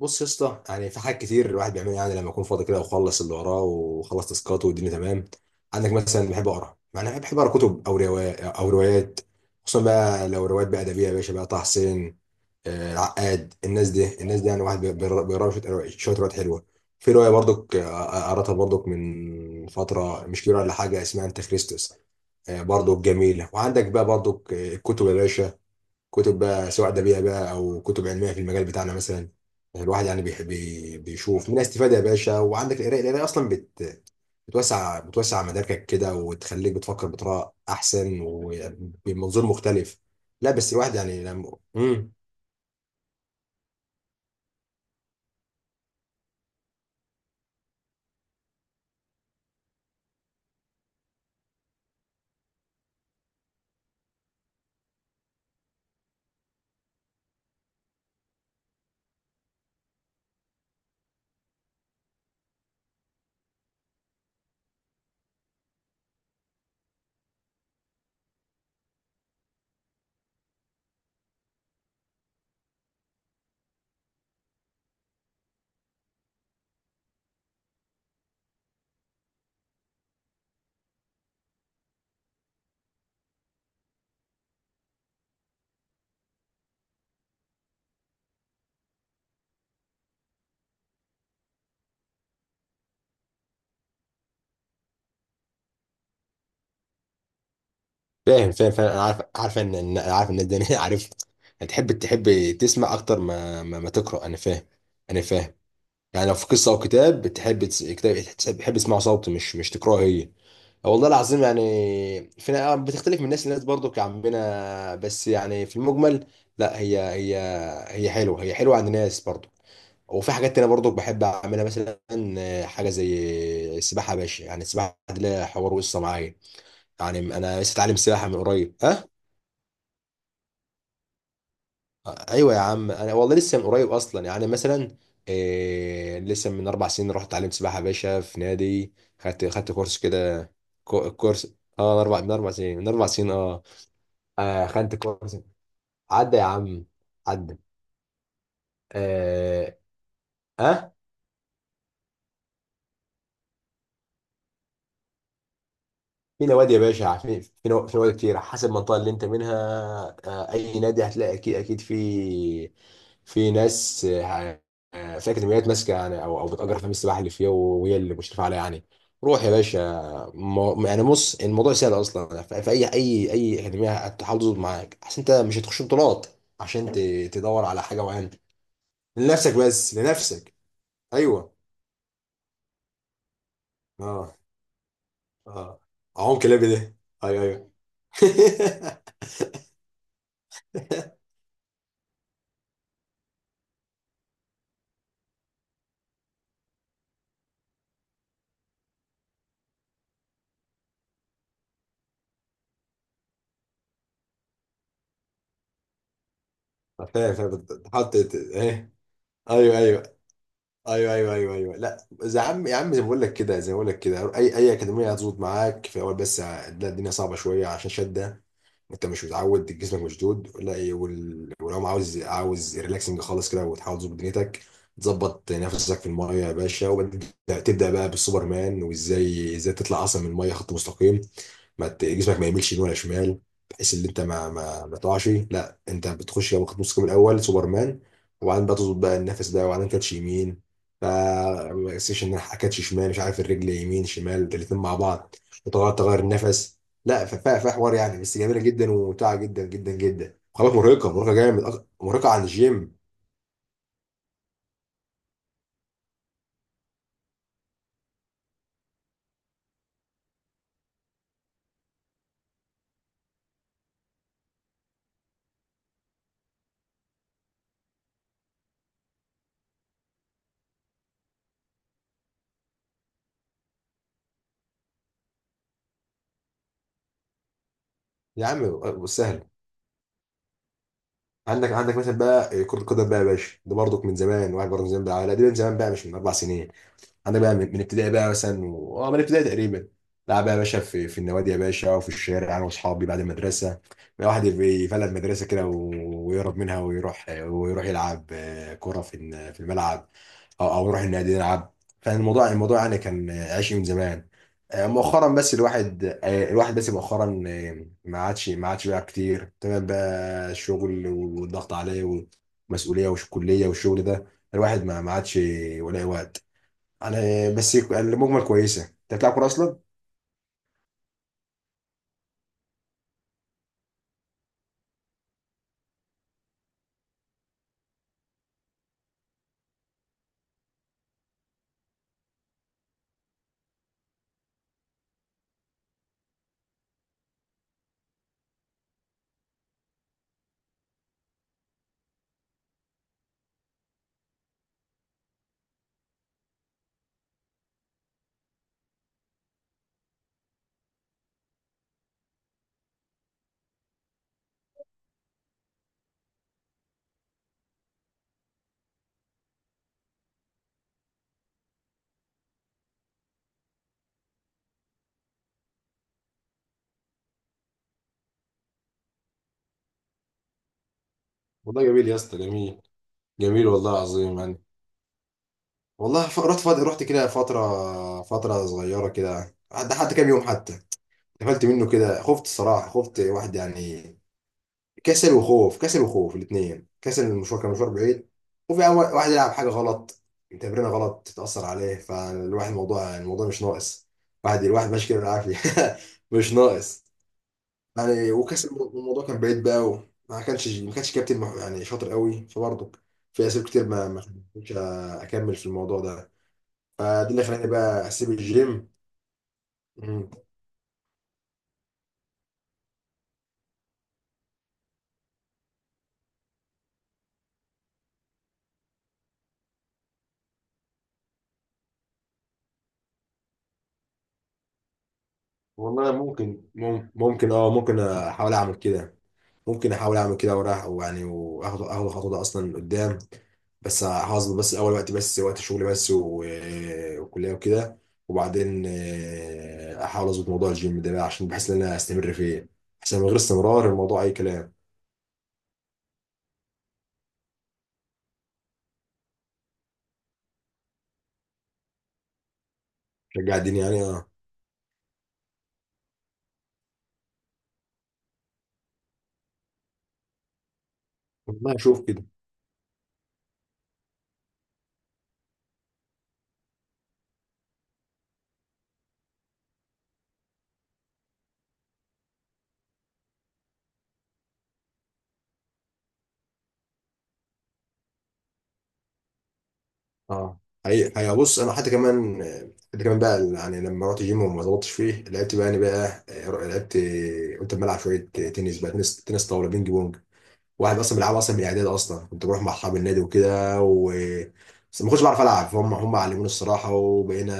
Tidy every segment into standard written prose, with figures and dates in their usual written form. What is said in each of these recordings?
بص يا اسطى، يعني في حاجات كتير الواحد بيعملها، يعني لما يكون فاضي كده وخلص اللي وراه وخلص تاسكاته والدنيا تمام. عندك مثلا بحب اقرا، يعني أنا بحب اقرا كتب او روايات. خصوصا بقى لو روايات بقى ادبيه يا باشا، بقى طه حسين، العقاد، الناس دي يعني واحد بيقرا شويه روايات حلوه. في روايه برضك قراتها برضك من فتره مش كبيره ولا حاجه، اسمها انت خريستوس. برضك جميله، وعندك بقى برضك الكتب يا باشا، كتب بقى سواء ادبيه بقى او كتب علميه في المجال بتاعنا مثلا. الواحد يعني بيحب بيشوف منها استفاده يا باشا. وعندك القرايه اصلا بتوسع مداركك كده، وتخليك بتفكر بطريقه احسن وبمنظور مختلف. لا بس الواحد يعني لما فاهم. انا عارف انا عارف الناس دي عارف. هتحب تسمع اكتر ما تقرا. انا فاهم. انا فاهم. يعني لو في قصه او كتاب بتحب تسمعه صوتي مش تقراه هي. والله العظيم يعني، فينا بتختلف من ناس لناس برضو كعمنا، بس يعني في المجمل، لا هي هي حلوه، هي حلوه عند ناس برضو. وفي حاجات تانية برضو بحب اعملها مثلا، حاجه زي السباحه يا باشا. يعني السباحه دي لها حوار وقصه معايا. يعني انا لسه اتعلم سباحه من قريب، ها. ايوه يا عم، انا والله لسه من قريب اصلا، يعني مثلا لسه من اربع سنين رحت اتعلمت سباحه يا باشا في نادي. خدت كورس كده. كورس، اه، من اربع سنين، اه. آه، خانة الكوارث. عدى يا عم. عدى. آه، ها. في نوادي يا باشا. في نوادي كتير حسب المنطقة اللي انت منها. اي نادي هتلاقي، اكيد اكيد. في في ناس، في اكاديميات ماسكة يعني او بتأجر حمام السباحة اللي فيها، وهي اللي مشرفة عليها يعني. روح يا باشا. يعني بص، الموضوع سهل اصلا. في اي اكاديمية هتحاول تظبط معاك احسن. انت مش هتخش بطولات عشان تدور على حاجة معينة لنفسك، بس لنفسك. ايوه. اه، اه. عم كلابي ده. ايوه، ايوه. فاهم. بتحط ايه؟ ايوه، ايوه، ايوه، ايوه، ايوه، ايوه. لا. يا عم يا عم، زي ما بقول لك كده، زي ما بقول لك كده، اي اكاديميه هتظبط معاك في اول، بس هتلاقي الدنيا صعبه شويه عشان شده. انت مش متعود، جسمك مشدود. لا إيه، ولو عاوز ريلاكسنج خالص كده وتحاول تظبط دنيتك، تظبط نفسك في المايه يا باشا. وبعدين تبدا بقى بالسوبرمان، وازاي تطلع اصلا من المايه خط مستقيم، ما ت- جسمك ما يميلش يمين ولا شمال، بحيث ان انت ما تقعش. لا انت بتخش يا واخد نص كم الاول سوبرمان، وبعدين بقى تظبط بقى النفس ده، وبعدين كاتش يمين. ف سيشن جناح، كاتش شمال، مش عارف، الرجل يمين شمال الاثنين مع بعض. وتغير النفس. لا ففيها حوار يعني، بس جميله جدا وممتعه جدا جدا جدا. خلاص، مرهقه مرهقه جامد، مرهقه عن الجيم. يا عم، أه، سهل. عندك مثلا بقى كرة القدم بقى يا باشا. ده برضك من زمان. واحد برضه من زمان بقى، لا دي من زمان بقى مش من اربع سنين. عندك بقى من ابتدائي بقى مثلا من ابتدائي تقريبا. لعب بقى يا باشا في النوادي يا باشا وفي الشارع انا واصحابي بعد المدرسه، بقى واحد يبقى يفلت مدرسه كده ويهرب منها، ويروح يلعب كره في الملعب، او يروح النادي يلعب. فالموضوع الموضوع الموضوع يعني كان عايش من زمان. مؤخرا بس الواحد بس مؤخرا ما عادش بقى كتير. تمام بقى الشغل والضغط عليه، والمسؤوليه والكليه والشغل ده، الواحد ما عادش ولا وقت على. بس المجمل كويسه. انت بتلعب كوره اصلا؟ والله جميل يا اسطى، جميل. جميل والله العظيم يعني. والله رحت رحت كده فترة صغيرة كده، حتى كام يوم، حتى قفلت منه كده. خفت الصراحة، خفت واحد يعني. كسل وخوف الاثنين، كسل المشوار، كان مشوار بعيد. وفي واحد يلعب حاجة غلط، تمرينة غلط، تتأثر عليه. فالواحد الموضوع مش ناقص، الواحد ماشي كده بالعافية. مش ناقص يعني. وكاس الموضوع كان بعيد بقى قوي. ما كانش كابتن يعني شاطر قوي، فبرضه في اسباب كتير ما كنتش اكمل في الموضوع ده. فدي اللي خلاني بقى اسيب الجيم. مم. والله ممكن، ممكن احاول اعمل كده. ممكن احاول اعمل كده، وراح ويعني اخد الخطوه ده اصلا قدام. بس هظبط، بس اول وقت، بس وقت شغل، بس وكليه وكده. وبعدين احاول اظبط موضوع الجيم ده بقى، عشان بحس ان انا استمر فيه. عشان من غير استمرار الموضوع اي كلام. رجع الدنيا يعني، اه. والله اشوف كده، اه. هي بص، انا حتى كمان، حتى كمان بقى يعني لما رحت جيم وما ظبطتش فيه، لعبت بقى يعني بقى لعبت. قلت اما العب شويه تنس بقى تنس طاوله، بينج بونج. واحد اصلا بيلعب اصلا من الاعداد اصلا، كنت بروح مع اصحاب النادي وكده بس ما كنتش بعرف العب، فهم علموني الصراحه. وبقينا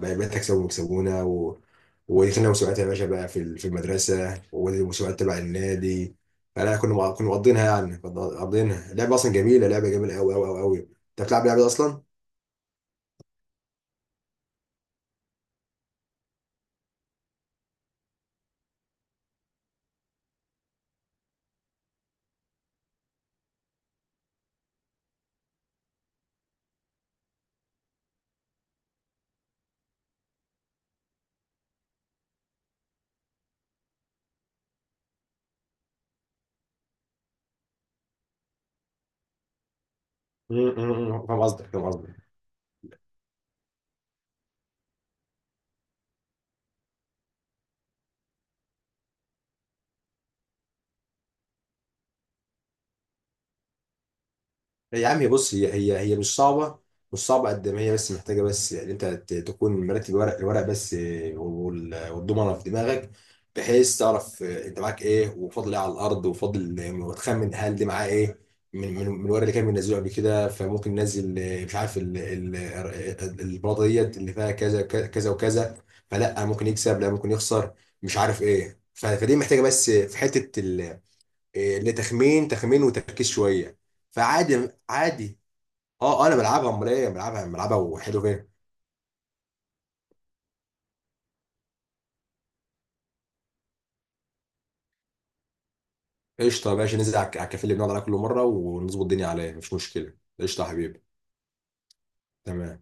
بقيت اكسبهم ويكسبونا و ودخلنا مسابقات يا باشا بقى في المدرسه والمسابقات تبع النادي. فلا كنا مقضينها لعبه اصلا جميله، لعبه جميله قوي قوي قوي قوي. انت بتلعب لعبه اصلا؟ أمم، أمم، أمم. فاهم قصدك، فاهم قصدك. لا يا عم، هي بص، هي مش صعبة. مش صعبة قد ما هي، بس محتاجة، بس يعني انت تكون مرتب الورق بس، والضمنة في دماغك، بحيث تعرف انت معاك ايه وفاضل ايه على الارض، وفاضل وتخمن هل دي معاه ايه من الورق اللي كان بينزله قبل كده. فممكن ننزل مش عارف البلاطة ديت اللي فيها كذا كذا وكذا، فلا ممكن يكسب، لا ممكن يخسر، مش عارف ايه. فدي محتاجة بس في حتة لتخمين وتركيز شويه. فعادي عادي. اه، انا بلعبها، امال ايه، بلعبها وحلو فيها. قشطه ماشي، ننزل على على الكافيه اللي بنقعد عليه كل مره ونظبط الدنيا عليه، مفيش مشكله. قشطه يا حبيبي. تمام.